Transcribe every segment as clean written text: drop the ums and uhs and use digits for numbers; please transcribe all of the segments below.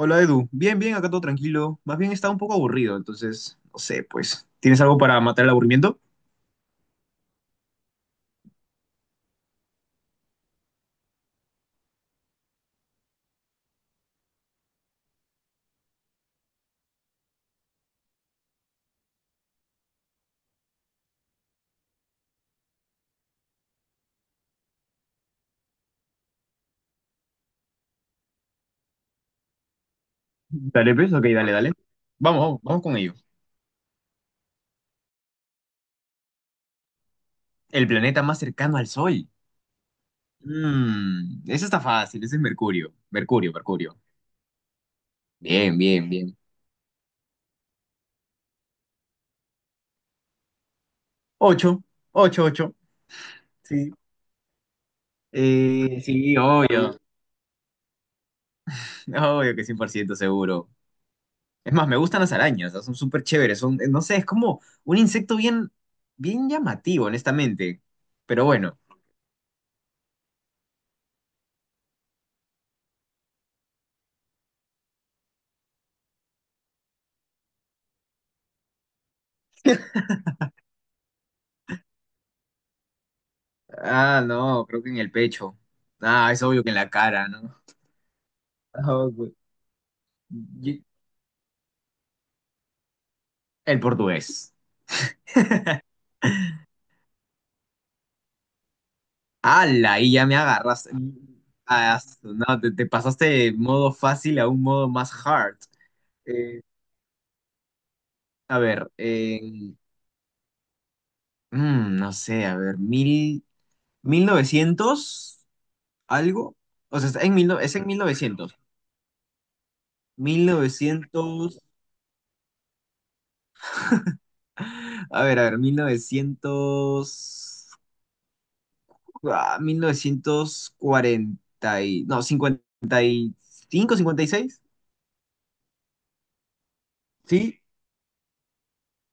Hola Edu, bien, bien, acá todo tranquilo. Más bien estaba un poco aburrido, entonces, no sé, pues, ¿tienes algo para matar el aburrimiento? Dale, pues, ok, dale, dale. Vamos, vamos, vamos con ello. El planeta más cercano al Sol. Eso está fácil, ese es Mercurio. Mercurio, Mercurio. Bien, bien, bien. Ocho, ocho, ocho. Sí. Sí, obvio. Obvio que 100% seguro. Es más, me gustan las arañas, ¿no? Son súper chéveres, son, no sé, es como un insecto bien, bien llamativo, honestamente. Pero bueno, ah, no, creo que en el pecho. Ah, es obvio que en la cara, ¿no? Ah, güey. Y- El portugués. ¡Hala! Ahí ya me agarras. Ah, no, te pasaste de modo fácil a un modo más hard. Eh, a ver, no sé, a ver, mil novecientos algo. O sea, está en 1000, es en 1900 mil novecientos a ver, 1900. Mil novecientos cuarenta No, 50 55 56 ¿Sí?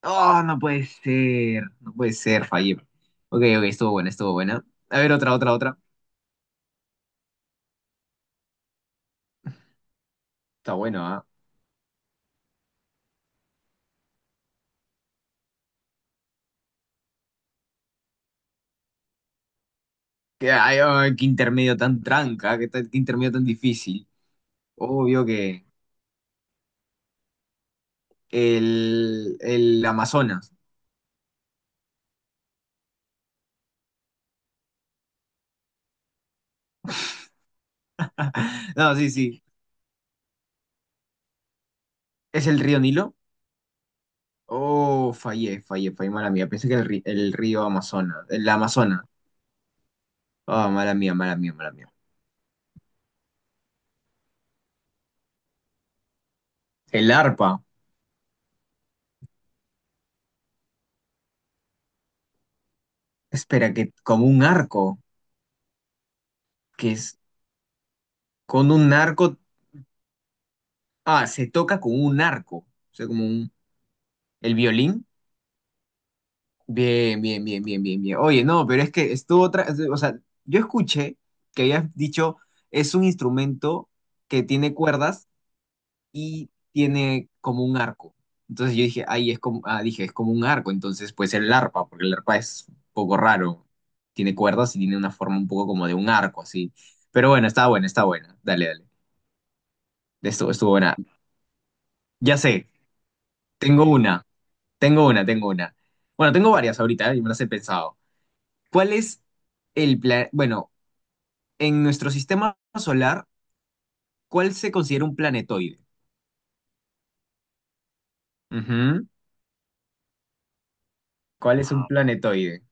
Oh, no puede ser. No puede ser, fallé. Ok, ok, estuvo buena, estuvo buena. A ver, otra, otra, otra. Está bueno, ¿ah? Qué, ay, ay, qué intermedio tan tranca, qué intermedio tan difícil. Obvio que el Amazonas. No, sí, sí. ¿Es el río Nilo? Oh, fallé, fallé, fallé, mala mía. Pensé que el río Amazonas, el Amazona. Oh, mala mía, mala mía, mala mía. El arpa. Espera, que como un arco, que es con un arco. Ah, se toca con un arco. O sea, como un. El violín. Bien, bien, bien, bien, bien, bien. Oye, no, pero es que estuvo otra. O sea, yo escuché que habías dicho es un instrumento que tiene cuerdas y tiene como un arco. Entonces yo dije, ahí es como, dije, es como un arco, entonces puede ser el arpa, porque el arpa es un poco raro. Tiene cuerdas y tiene una forma un poco como de un arco, así. Pero bueno, está buena, está buena. Dale, dale. Estuvo buena. Ya sé, tengo una, tengo una, tengo una. Bueno, tengo varias ahorita, ¿eh? Y me las he pensado. ¿Cuál es el plan? Bueno, en nuestro sistema solar, ¿cuál se considera un planetoide? Ujú. ¿Cuál es un Wow. planetoide?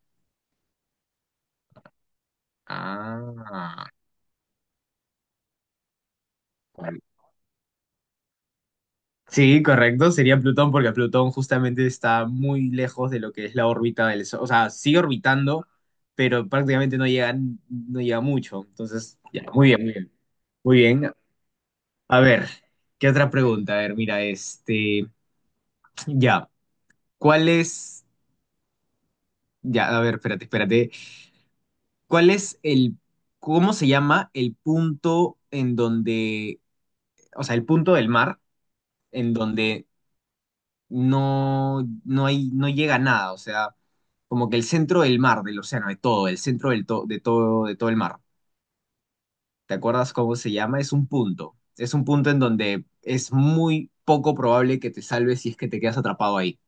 Ah. Sí, correcto, sería Plutón porque Plutón justamente está muy lejos de lo que es la órbita del Sol. O sea, sigue orbitando, pero prácticamente no llega, no llega mucho. Entonces, ya, muy bien, muy bien. Muy bien. A ver, ¿qué otra pregunta? A ver, mira, este, ya, ¿cuál es, ya, a ver, espérate, espérate. ¿Cuál es cómo se llama el punto en donde, o sea, el punto del mar en donde no hay, no llega a nada, o sea, como que el centro del mar, del océano, de todo, el centro del to- de todo el mar. ¿Te acuerdas cómo se llama? Es un punto. Es un punto en donde es muy poco probable que te salves si es que te quedas atrapado ahí.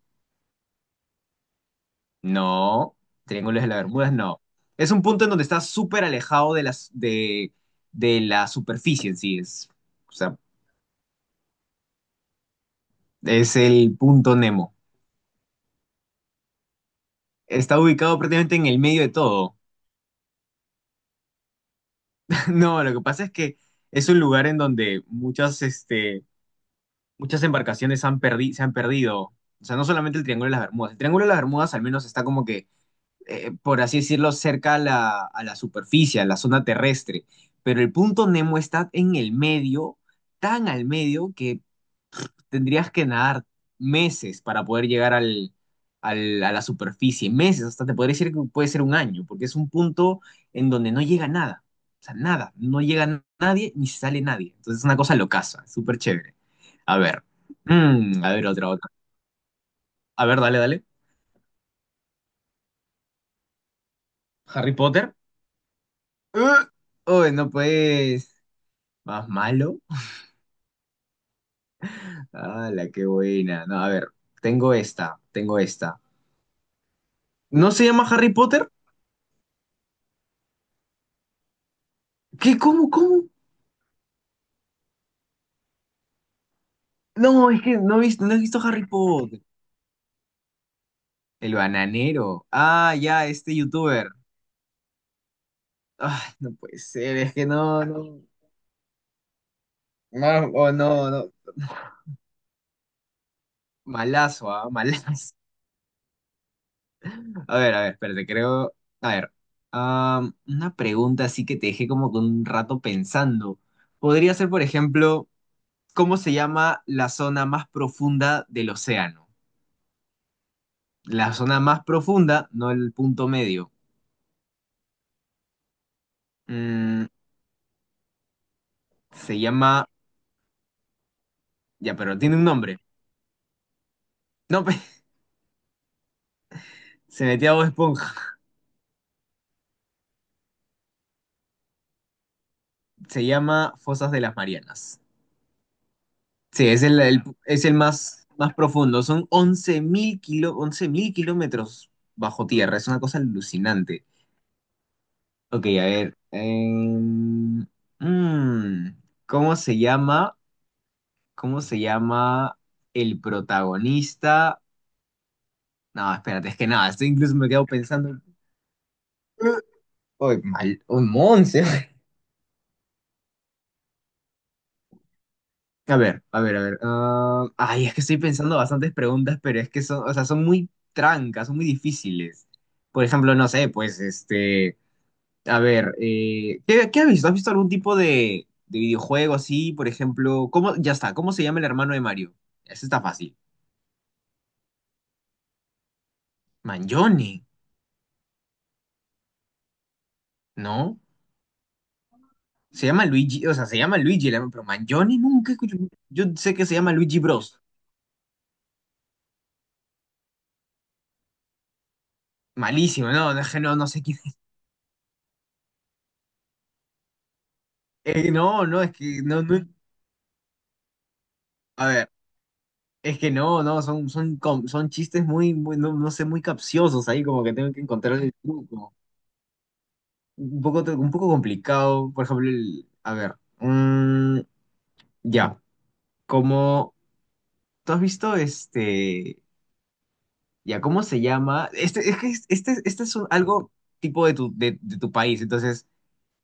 No, Triángulos de las Bermudas, no. Es un punto en donde estás súper alejado de las, de la superficie en sí. Es, o sea, es el punto Nemo. Está ubicado prácticamente en el medio de todo. No, lo que pasa es que es un lugar en donde muchas embarcaciones se han perdido. O sea, no solamente el Triángulo de las Bermudas. El Triángulo de las Bermudas al menos está como que, por así decirlo, cerca a la superficie, a la zona terrestre. Pero el punto Nemo está en el medio, tan al medio que tendrías que nadar meses para poder llegar al, a la superficie, meses, hasta te podría decir que puede ser un año, porque es un punto en donde no llega nada, o sea, nada, no llega nadie ni sale nadie. Entonces es una cosa locaza, súper chévere. A ver, a ver, otra, otra. A ver, dale, dale. Harry Potter. ¡Ugh! Uy, no pues, más malo. La qué buena! No, a ver, tengo esta, tengo esta. ¿No se llama Harry Potter? ¿Qué? ¿Cómo? ¿Cómo? No, es que no he visto, no he visto Harry Potter. El bananero. Ah, ya, este youtuber. Ay, no puede ser, es que no, no. No, oh, no, no. Malazo, ah, malazo. A ver, espérate, creo. A ver. Una pregunta así que te dejé como con un rato pensando. Podría ser, por ejemplo, ¿cómo se llama la zona más profunda del océano? La zona más profunda, no el punto medio. Mm, se llama. Ya, pero tiene un nombre. No, Se metía a Bob Esponja. Se llama Fosas de las Marianas. Sí, es el más, más profundo. Son 11.000 kilómetros bajo tierra. Es una cosa alucinante. Ok, a ver. Mm, ¿cómo se llama? ¿Cómo se llama el protagonista? No, espérate, es que nada, estoy incluso me quedo pensando. Uy, mal, un monce. A ver, a ver, a ver. Ay, es que estoy pensando bastantes preguntas, pero es que son, o sea, son muy trancas, son muy difíciles. Por ejemplo, no sé, pues, este, a ver, ¿qué has visto? ¿Has visto algún tipo de videojuego así? Por ejemplo, ya está, ¿cómo se llama el hermano de Mario? Ese está fácil. Mangione, ¿no? Se llama Luigi, o sea, se llama Luigi, el hermano, pero Mangione nunca escucho. Yo sé que se llama Luigi Bros. Malísimo, no, no, es que no, no sé quién es. No, no, es que no, no. A ver. Es que no, son chistes muy, muy, no, no sé, muy capciosos ahí, como que tengo que encontrar el truco. Un poco, un poco complicado, por ejemplo, a ver, ya, como, ¿tú has visto este, ya, ¿cómo se llama? Este, es que este es algo tipo de tu país, entonces,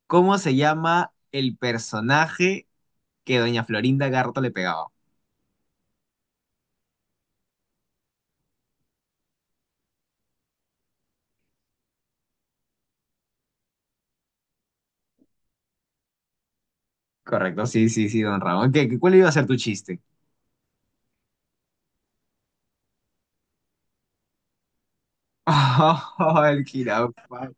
¿cómo se llama el personaje que doña Florinda Garto le pegaba? Correcto, sí, sí, sí, don Ramón. ¿Qué, cuál iba a ser tu chiste? Oh, el jirafa.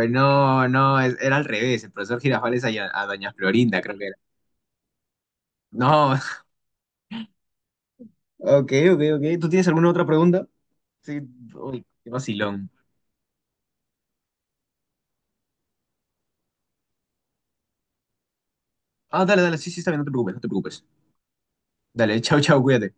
Ay, no, no, era al revés. El profesor Girafales a Doña Florinda, creo que era. No, ok, ok, ok. ¿Tú tienes alguna otra pregunta? Sí, uy, qué vacilón. Ah, dale, dale, sí, sí, está bien, no te preocupes, no te preocupes. Dale, chau chau cuídate.